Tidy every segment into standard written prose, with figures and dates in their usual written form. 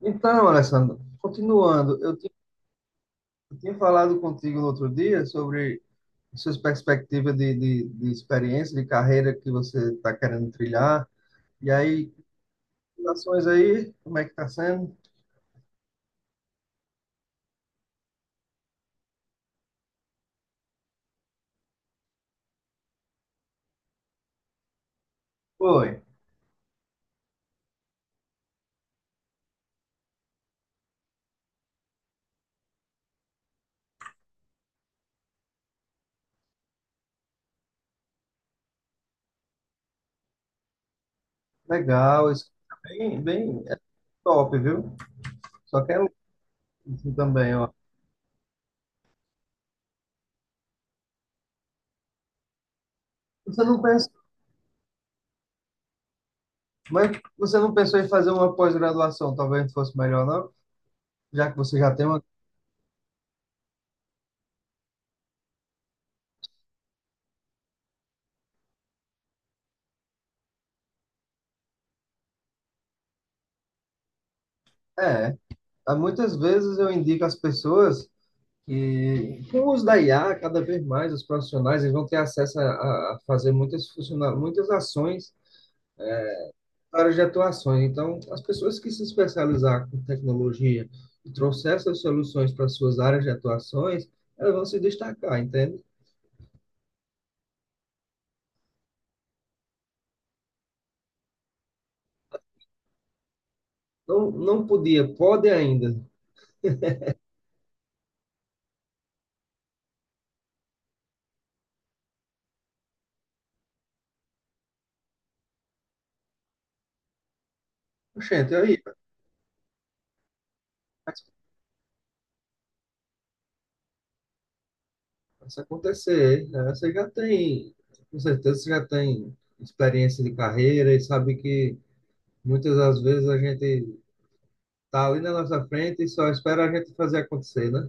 Então, Alessandro, continuando, eu tinha falado contigo no outro dia sobre suas perspectivas de experiência, de carreira que você está querendo trilhar. E aí, ações aí, como é que está sendo? Foi, legal, isso é bem, bem, top, viu? Só quero isso também, ó. Você não pensa, mas você não pensou em fazer uma pós-graduação, talvez fosse melhor, não? Já que você já tem uma. É, há muitas vezes eu indico às pessoas. E com o uso da IA, cada vez mais os profissionais eles vão ter acesso a fazer muitas, muitas ações, para de atuações. Então, as pessoas que se especializar com tecnologia e trouxer essas soluções para suas áreas de atuações, elas vão se destacar, entende? Então, não podia, pode ainda. Gente, aí, mas se acontecer, né, você já tem, com certeza, você já tem experiência de carreira e sabe que muitas das vezes a gente tá ali na nossa frente e só espera a gente fazer acontecer, né?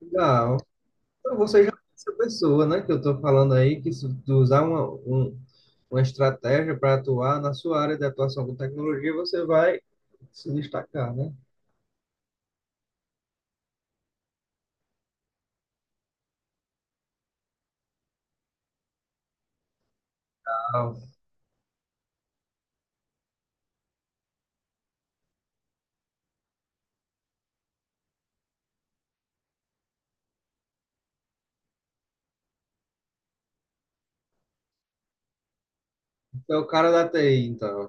Legal. Então você já é essa pessoa, né, que eu tô falando aí, que se tu usar uma estratégia para atuar na sua área de atuação com tecnologia, você vai se destacar, né? Legal. Então, o cara da TI, então.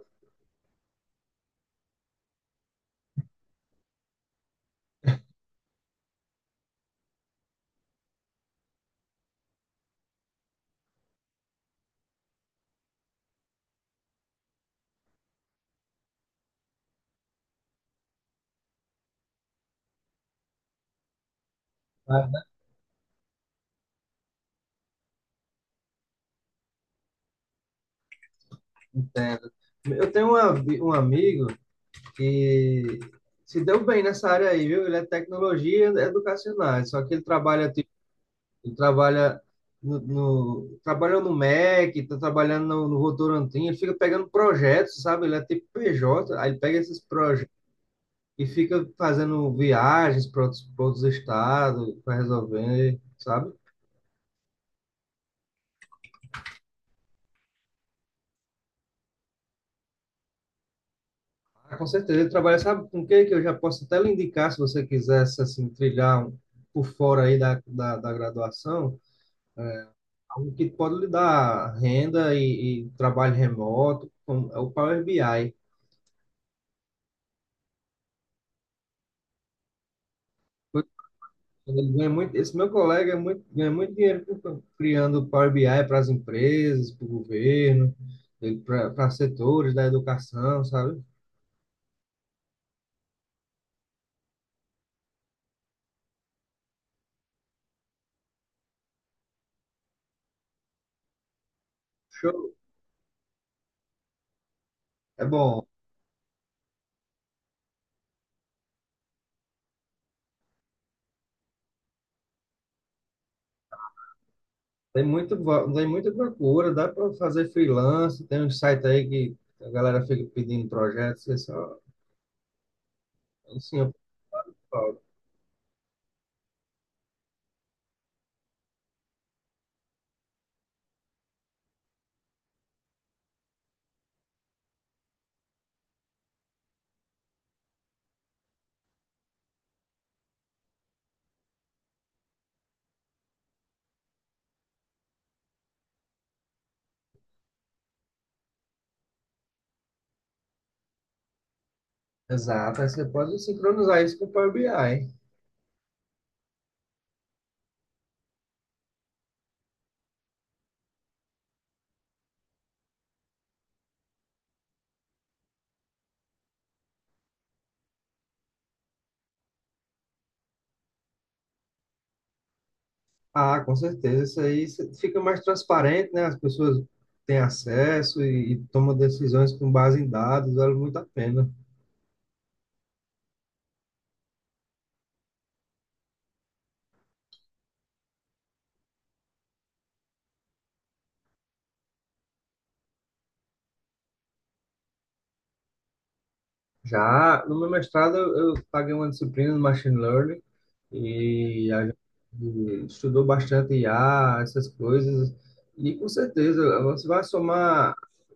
Ah, entendo. Eu tenho um amigo que se deu bem nessa área aí, viu? Ele é tecnologia educacional, só que ele trabalha no, trabalhou no MEC, tá trabalhando no Votorantim, ele fica pegando projetos, sabe? Ele é tipo PJ, aí ele pega esses projetos e fica fazendo viagens para outros, pra outros estados, para resolver, sabe? Ah, com certeza, ele trabalha, sabe com o que que eu já posso até lhe indicar, se você quisesse, assim, por fora aí da graduação, algo que pode lhe dar renda e trabalho remoto, como é o Power BI. Ele ganha muito, esse meu colega é muito, ganha muito dinheiro criando Power BI para as empresas, para o governo, para setores da educação, sabe? Show. É bom. Tem muito, tem muita procura, dá para fazer freelance, tem um site aí que a galera fica pedindo projetos, é só assim, eu falo. Exato, aí você pode sincronizar isso com o Power BI. Ah, com certeza. Isso aí fica mais transparente, né? As pessoas têm acesso e tomam decisões com base em dados, vale muito a pena. Já no meu mestrado, eu paguei uma disciplina de Machine Learning e a gente estudou bastante IA, essas coisas. E com certeza, você vai somar,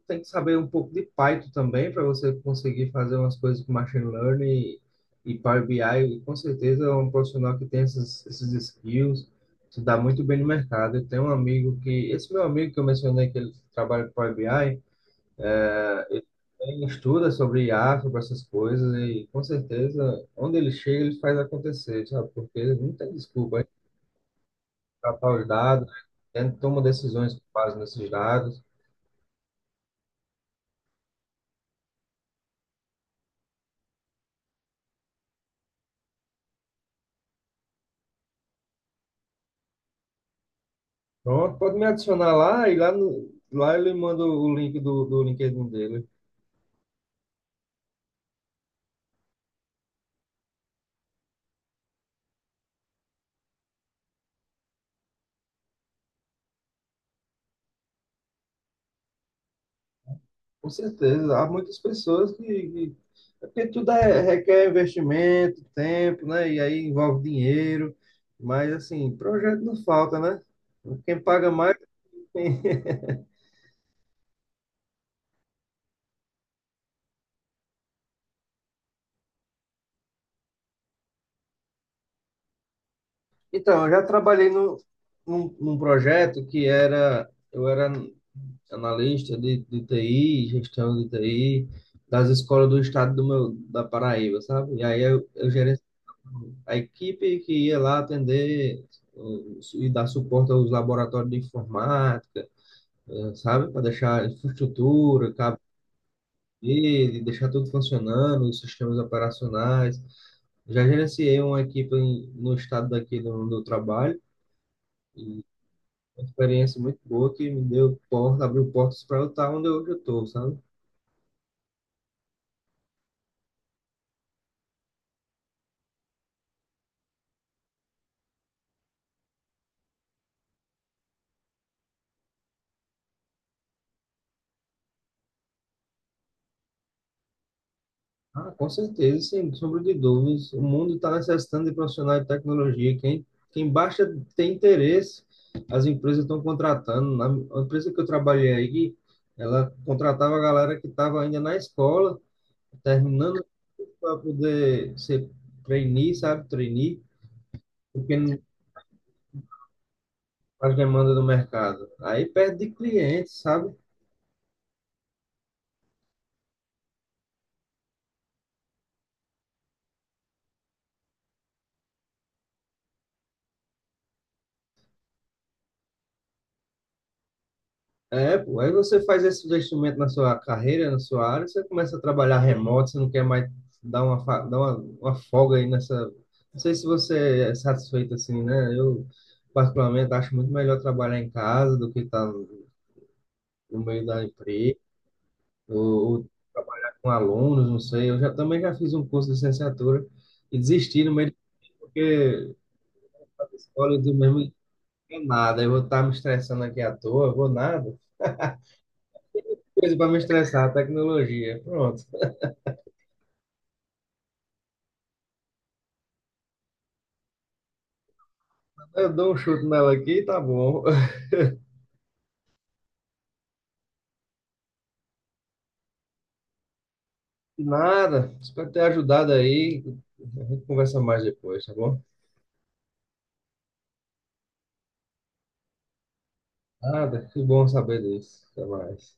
tem que saber um pouco de Python também para você conseguir fazer umas coisas com Machine Learning e Power BI. E com certeza, é um profissional que tem essas, esses skills se dá muito bem no mercado. Eu tenho um amigo que, esse meu amigo que eu mencionei que ele trabalha com Power BI, ele também estuda sobre IA, sobre essas coisas, e com certeza, onde ele chega, ele faz acontecer, sabe? Porque não tem desculpa, ele tratar os dados, né? Ele toma decisões com base nesses dados. Pronto, pode me adicionar lá, e lá, no, lá ele manda o link do LinkedIn dele. Com certeza, há muitas pessoas que é porque tudo é, requer investimento, tempo, né? E aí envolve dinheiro, mas assim, projeto não falta, né? Quem paga mais Então, eu já trabalhei no, num, num projeto que era, eu era analista de TI, gestão de TI, das escolas do estado do meu, da Paraíba, sabe? E aí eu gerenciava a equipe que ia lá atender e dar suporte aos laboratórios de informática, sabe? Para deixar a infraestrutura, cabo rede, deixar tudo funcionando, os sistemas operacionais. Já gerenciei uma equipe no estado daqui do trabalho, uma experiência muito boa que me deu porta, abriu portas para eu estar onde hoje eu estou, sabe? Ah, com certeza, sem sombra de dúvidas. O mundo está necessitando de profissionais de tecnologia. Quem baixa tem interesse, as empresas estão contratando. Na A empresa que eu trabalhei aí, ela contratava a galera que estava ainda na escola, terminando para poder ser trainee, sabe? Trainee, porque não faz demanda do mercado. Aí perde de clientes, sabe? É, pô, aí você faz esse investimento na sua carreira, na sua área, você começa a trabalhar remoto, você não quer mais dar uma folga aí nessa. Não sei se você é satisfeito assim, né? Eu, particularmente, acho muito melhor trabalhar em casa do que estar no meio da empresa, ou, ou trabalhar com alunos, não sei. Também já fiz um curso de licenciatura e desisti no meio, porque a escola eu digo mesmo, não é nada, eu vou estar me estressando aqui à toa, vou nada. Coisa para me estressar, tecnologia, pronto. Eu dou um chute nela aqui, tá bom. Nada, espero ter ajudado aí. A gente conversa mais depois, tá bom? Nada, que bom saber disso. Até mais.